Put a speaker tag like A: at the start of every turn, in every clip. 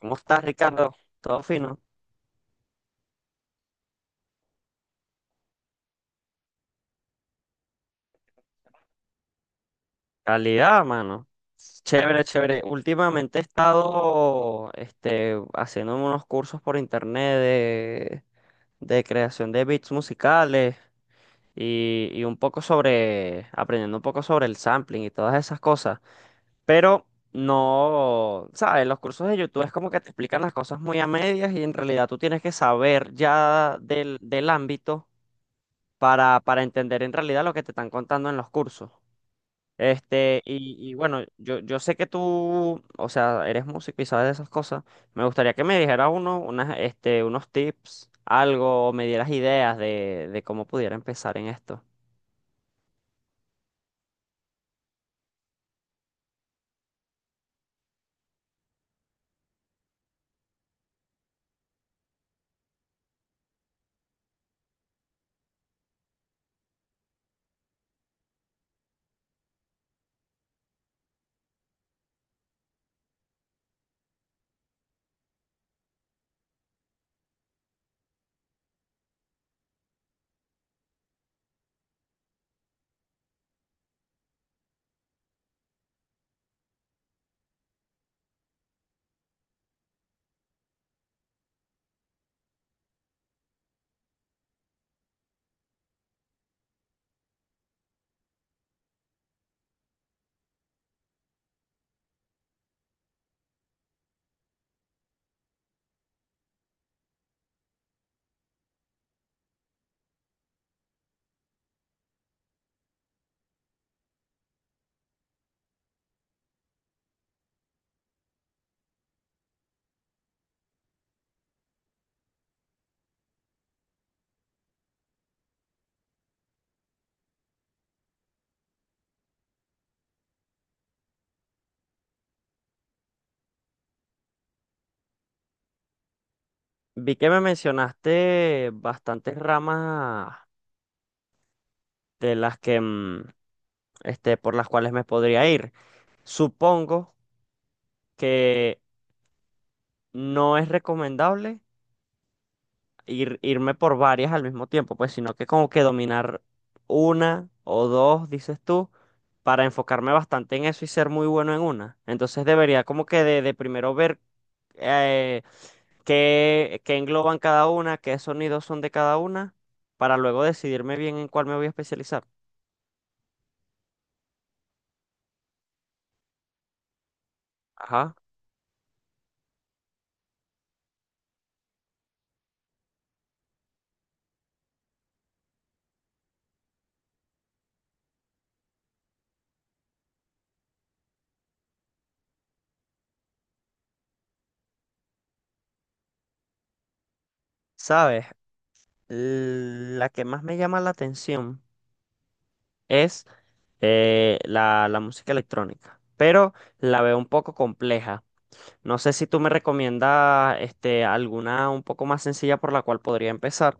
A: ¿Cómo estás, Ricardo? ¿Todo fino? Calidad, mano. Chévere, chévere. Últimamente he estado haciendo unos cursos por internet de creación de beats musicales y un poco sobre, aprendiendo un poco sobre el sampling y todas esas cosas. Pero no, ¿sabes? Los cursos de YouTube es como que te explican las cosas muy a medias y en realidad tú tienes que saber ya del ámbito para entender en realidad lo que te están contando en los cursos. Bueno, yo sé que tú, o sea, eres músico y sabes de esas cosas. Me gustaría que me dijeras unos tips, algo, o me dieras ideas de cómo pudiera empezar en esto. Vi que me mencionaste bastantes ramas de las que, por las cuales me podría ir. Supongo que no es recomendable irme por varias al mismo tiempo, pues, sino que como que dominar una o dos, dices tú, para enfocarme bastante en eso y ser muy bueno en una. Entonces debería como que de primero ver eh, qué engloban cada una, qué sonidos son de cada una, para luego decidirme bien en cuál me voy a especializar. Ajá. ¿Sabes? La que más me llama la atención es la música electrónica, pero la veo un poco compleja. No sé si tú me recomiendas alguna un poco más sencilla por la cual podría empezar.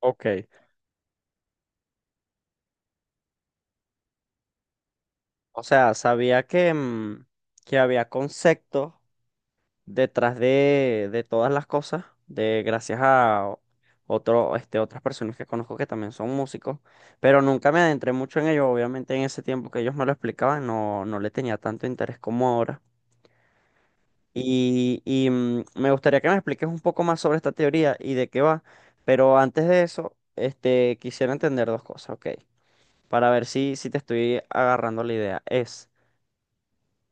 A: Ok. O sea, sabía que, que había conceptos detrás de todas las cosas, de gracias a otras personas que conozco que también son músicos, pero nunca me adentré mucho en ello. Obviamente en ese tiempo que ellos me lo explicaban, no, no le tenía tanto interés como ahora. Me gustaría que me expliques un poco más sobre esta teoría y de qué va, pero antes de eso, quisiera entender dos cosas, ¿ok? Para ver si, si te estoy agarrando la idea. Es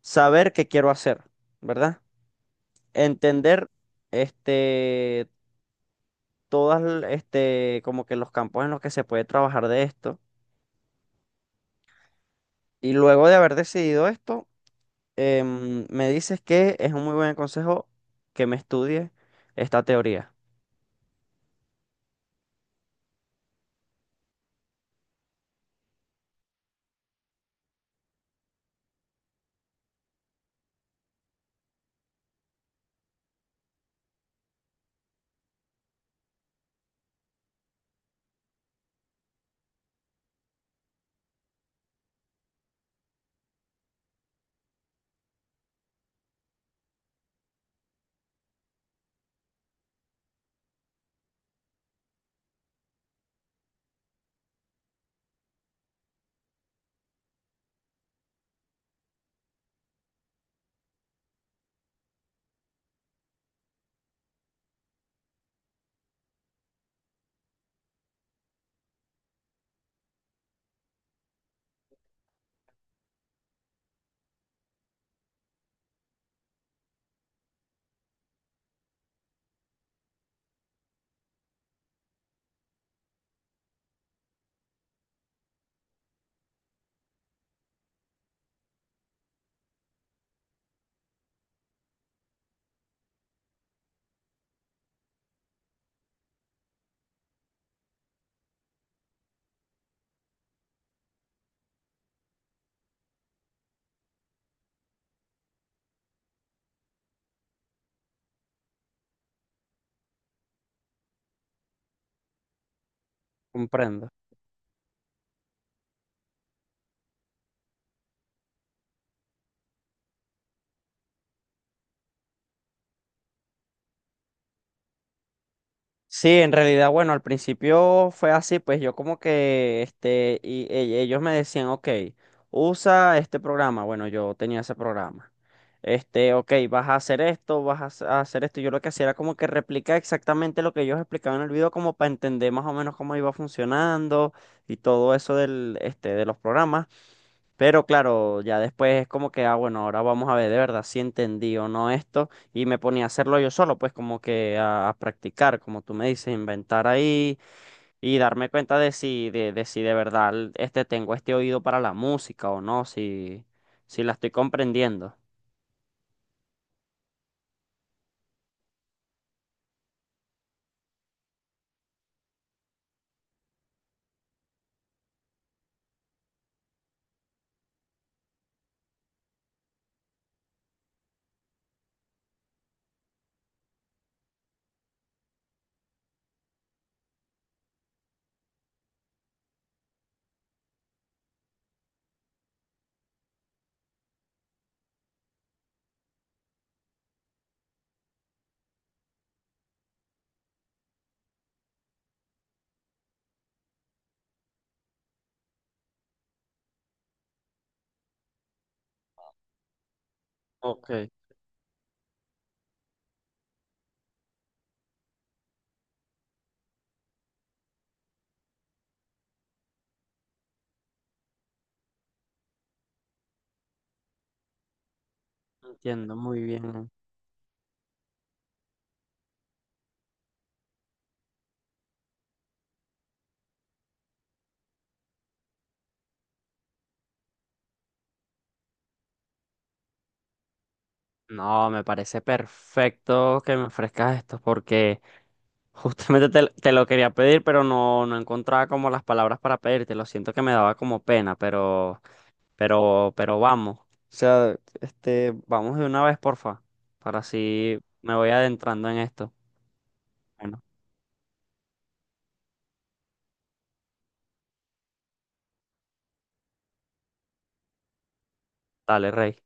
A: saber qué quiero hacer, ¿verdad? Entender, este, como que los campos en los que se puede trabajar de esto. Y luego de haber decidido esto, me dices que es un muy buen consejo que me estudie esta teoría. Comprendo. Sí, en realidad, bueno, al principio fue así, pues yo como que, ellos me decían, ok, usa este programa, bueno, yo tenía ese programa, ok, vas a hacer esto, vas a hacer esto, yo lo que hacía era como que replicar exactamente lo que ellos explicaban en el video, como para entender más o menos cómo iba funcionando y todo eso de los programas. Pero claro, ya después es como que, ah, bueno, ahora vamos a ver de verdad si entendí o no esto. Y me ponía a hacerlo yo solo, pues como que a practicar, como tú me dices, inventar ahí y darme cuenta de si de verdad tengo este oído para la música o no, si, si la estoy comprendiendo. Ok, entiendo muy bien. No, me parece perfecto que me ofrezcas esto porque... Justamente te lo quería pedir, pero no, no encontraba como las palabras para pedirte. Lo siento que me daba como pena, pero vamos. O sea, vamos de una vez, porfa, para así me voy adentrando en esto. Bueno, dale, Rey.